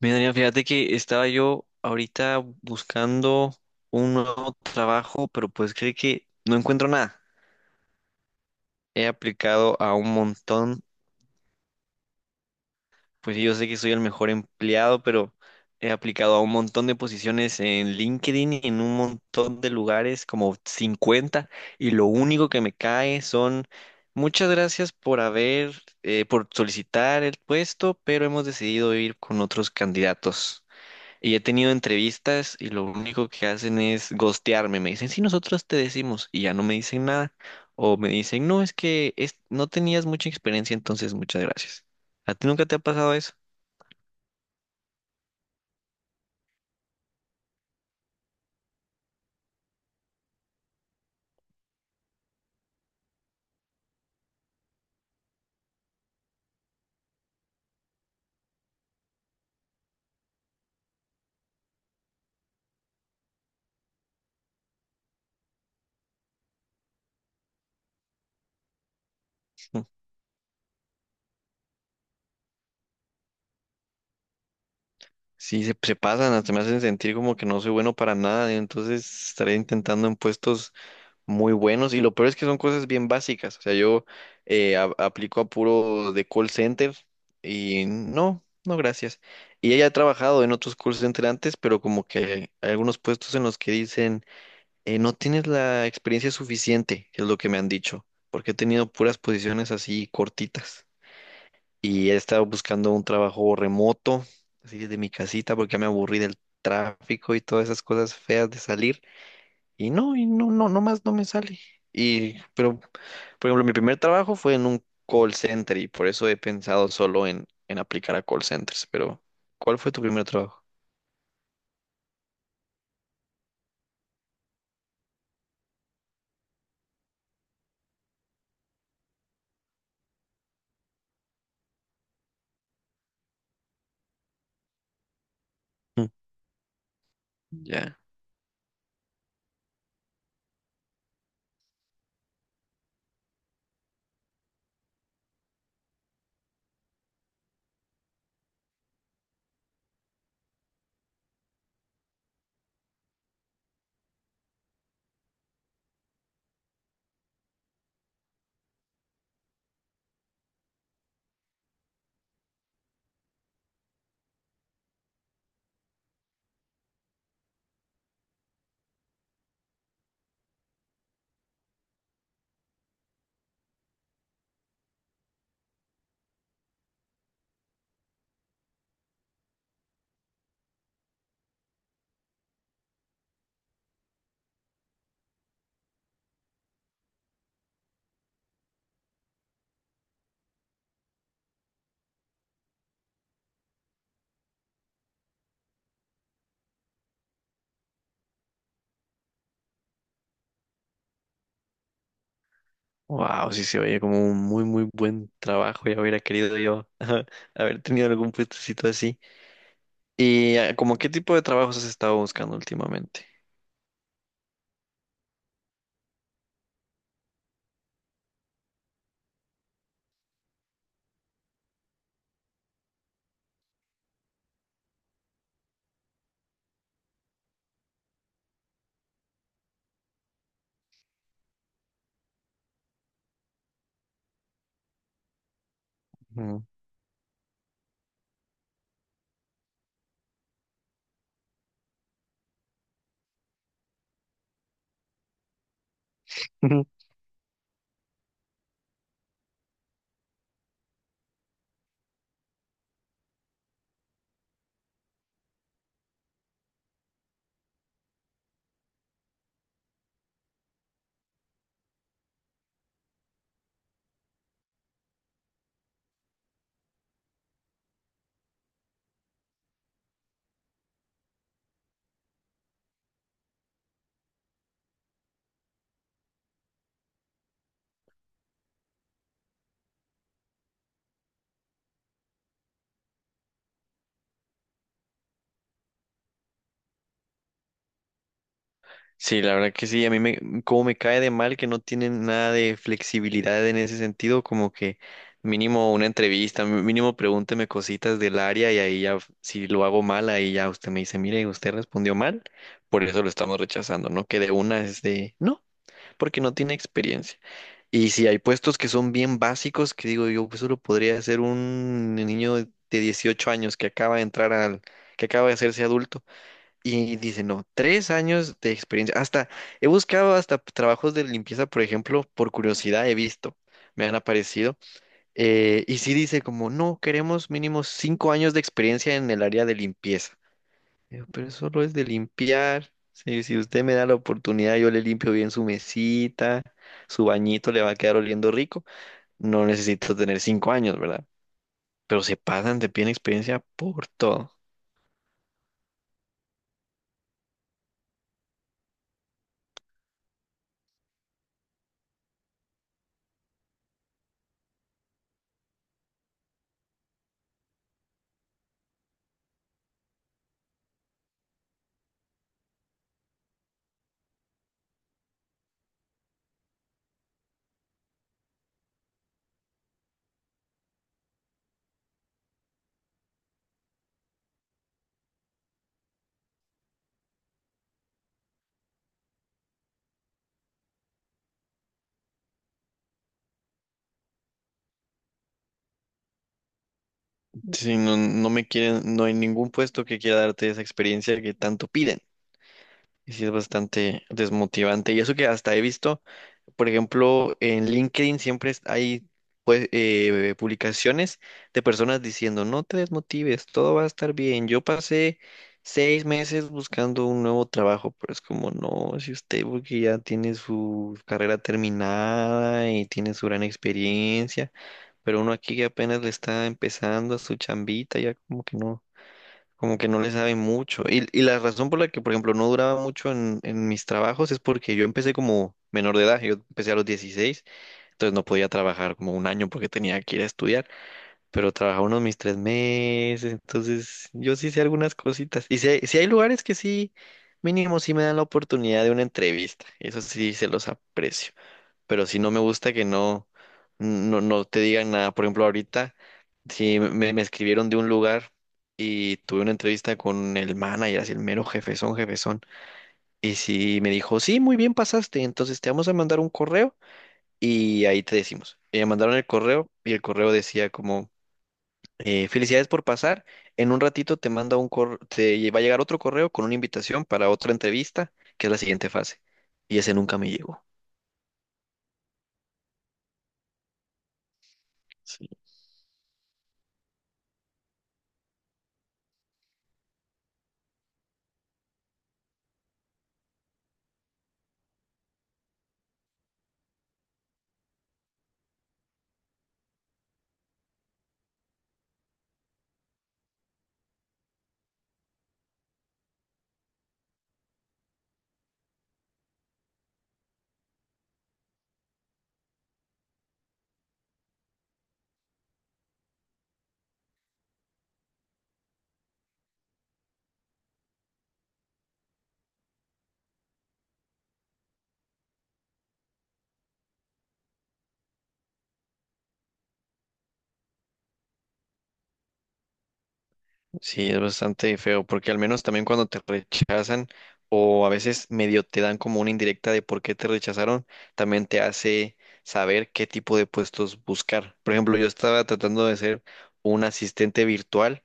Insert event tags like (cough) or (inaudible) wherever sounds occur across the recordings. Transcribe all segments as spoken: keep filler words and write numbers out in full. Mira, Adrián, fíjate que estaba yo ahorita buscando un nuevo trabajo, pero pues creo que no encuentro nada. He aplicado a un montón, pues sí, yo sé que soy el mejor empleado, pero he aplicado a un montón de posiciones en LinkedIn y en un montón de lugares, como cincuenta. y lo único que me cae son muchas gracias por haber, eh, por solicitar el puesto, pero hemos decidido ir con otros candidatos. Y he tenido entrevistas y lo único que hacen es gostearme. Me dicen, sí, nosotros te decimos y ya no me dicen nada. O me dicen, no, es que es- no tenías mucha experiencia, entonces muchas gracias. ¿A ti nunca te ha pasado eso? Mm. Sí, se, se pasan, hasta me hacen sentir como que no soy bueno para nada. Entonces estaré intentando en puestos muy buenos y lo peor es que son cosas bien básicas. O sea, yo eh, a- aplico a puro de call center y no, no, gracias. Y ella ha trabajado en otros call center antes, pero como que hay algunos puestos en los que dicen, eh, no tienes la experiencia suficiente, que es lo que me han dicho, porque he tenido puras posiciones así cortitas. Y he estado buscando un trabajo remoto, así desde mi casita, porque ya me aburrí del tráfico y todas esas cosas feas de salir. Y no, y no, no, no más no me sale. Y, pero, por ejemplo, mi primer trabajo fue en un call center y por eso he pensado solo en, en aplicar a call centers. Pero, ¿cuál fue tu primer trabajo? Mm. Ya. Wow, sí se oye como un muy, muy buen trabajo. Ya hubiera querido yo (laughs) haber tenido algún puestecito así. ¿Y ah, como qué tipo de trabajos has estado buscando últimamente? Mm. (laughs) Sí, la verdad que sí, a mí me, como me cae de mal que no tienen nada de flexibilidad en ese sentido, como que mínimo una entrevista, mí- mínimo pregúnteme cositas del área y ahí ya, si lo hago mal, ahí ya usted me dice, mire, usted respondió mal, por eso lo estamos rechazando, ¿no? Que de una es de, no, porque no tiene experiencia. Y si hay puestos que son bien básicos, que digo yo, pues eso lo podría hacer un niño de dieciocho años que acaba de entrar al, que acaba de hacerse adulto y dice, no, tres años de experiencia. Hasta he buscado hasta trabajos de limpieza, por ejemplo, por curiosidad he visto, me han aparecido. eh, y sí dice como, no, queremos mínimo cinco años de experiencia en el área de limpieza. Digo, pero solo es de limpiar. Si, si usted me da la oportunidad, yo le limpio bien su mesita, su bañito le va a quedar oliendo rico. No necesito tener cinco años, ¿verdad? Pero se pasan de pie en experiencia por todo. Si no, no me quieren, no hay ningún puesto que quiera darte esa experiencia que tanto piden. Y sí es bastante desmotivante. Y eso que hasta he visto, por ejemplo, en LinkedIn siempre es- hay pues, eh, publicaciones de personas diciendo, no te desmotives, todo va a estar bien. Yo pasé seis meses buscando un nuevo trabajo, pero es como, no, si usted porque ya tiene su carrera terminada y tiene su gran experiencia. Pero uno aquí que apenas le está empezando a su chambita, ya como que no, como que no le sabe mucho. Y, y la razón por la que, por ejemplo, no duraba mucho en, en mis trabajos es porque yo empecé como menor de edad, yo empecé a los dieciséis entonces no podía trabajar como un año porque tenía que ir a estudiar, pero trabajaba unos mis tres meses, entonces yo sí sé algunas cositas. Y si hay, sí hay lugares que sí, mínimo sí me dan la oportunidad de una entrevista, eso sí se los aprecio pero si no me gusta que no, no, no te digan nada. Por ejemplo, ahorita, si me, me escribieron de un lugar y tuve una entrevista con el manager, así el mero jefezón, jefezón, y si me dijo, sí, muy bien pasaste, entonces te vamos a mandar un correo y ahí te decimos. Y me mandaron el correo y el correo decía como, eh, felicidades por pasar, en un ratito te manda un correo, te va a llegar otro correo con una invitación para otra entrevista, que es la siguiente fase. Y ese nunca me llegó. Sí, es bastante feo, porque al menos también cuando te rechazan o a veces medio te dan como una indirecta de por qué te rechazaron, también te hace saber qué tipo de puestos buscar. Por ejemplo, yo estaba tratando de ser un asistente virtual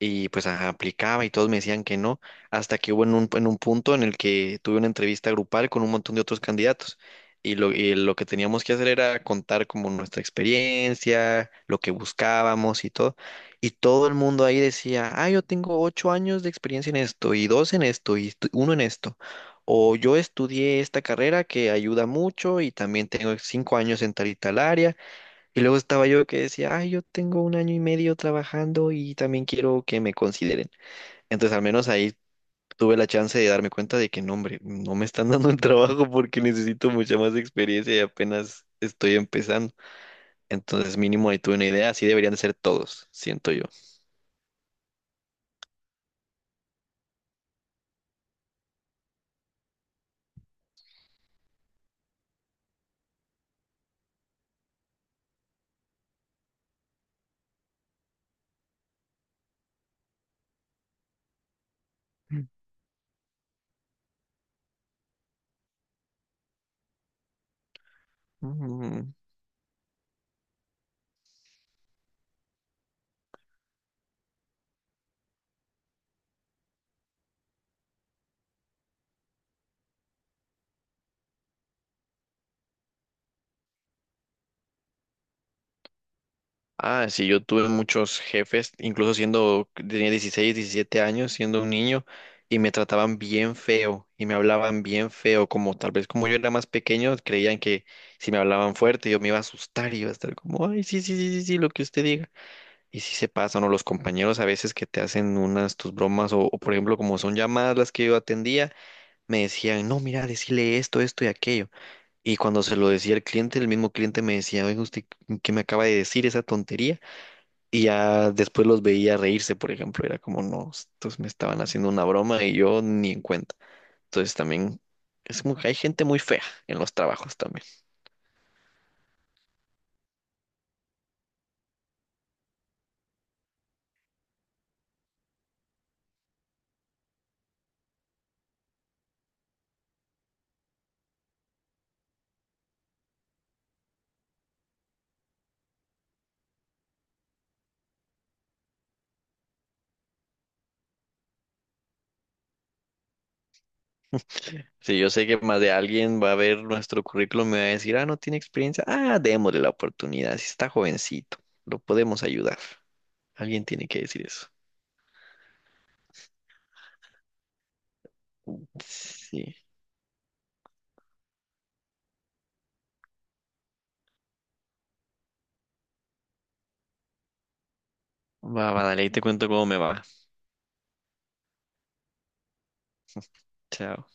y pues ajá, aplicaba y todos me decían que no, hasta que hubo en un, en un punto en el que tuve una entrevista grupal con un montón de otros candidatos. Y lo, y lo que teníamos que hacer era contar como nuestra experiencia, lo que buscábamos y todo. Y todo el mundo ahí decía, ah, yo tengo ocho años de experiencia en esto, y dos en esto, y estu- uno en esto. O yo estudié esta carrera que ayuda mucho y también tengo cinco años en tal y tal área. Y luego estaba yo que decía, ay, yo tengo un año y medio trabajando y también quiero que me consideren. Entonces, al menos ahí tuve la chance de darme cuenta de que no, hombre, no me están (laughs) dando el trabajo porque necesito mucha más experiencia y apenas estoy empezando. Entonces, mínimo ahí tuve una idea, así deberían de ser todos, siento yo. Mm. Ah, sí, yo tuve muchos jefes, incluso siendo, tenía dieciséis, diecisiete años, siendo un niño, y me trataban bien feo, y me hablaban bien feo, como tal vez como yo era más pequeño, creían que si me hablaban fuerte yo me iba a asustar y iba a estar como, ay, sí, sí, sí, sí, sí, lo que usted diga. Y sí se pasan, o los compañeros a veces que te hacen unas tus bromas, o, o por ejemplo, como son llamadas las que yo atendía, me decían, no, mira, decirle esto, esto y aquello. Y cuando se lo decía al cliente, el mismo cliente me decía, oiga, ¿usted qué me acaba de decir esa tontería? Y ya después los veía reírse, por ejemplo, era como, no, estos me estaban haciendo una broma y yo ni en cuenta. Entonces también es como que hay gente muy fea en los trabajos también. Si yo sé que más de alguien va a ver nuestro currículum y me va a decir, ah, no tiene experiencia, ah, démosle la oportunidad, si está jovencito, lo podemos ayudar. Alguien tiene que decir eso. Sí. Va, va, dale, ahí te cuento cómo me va. Chao.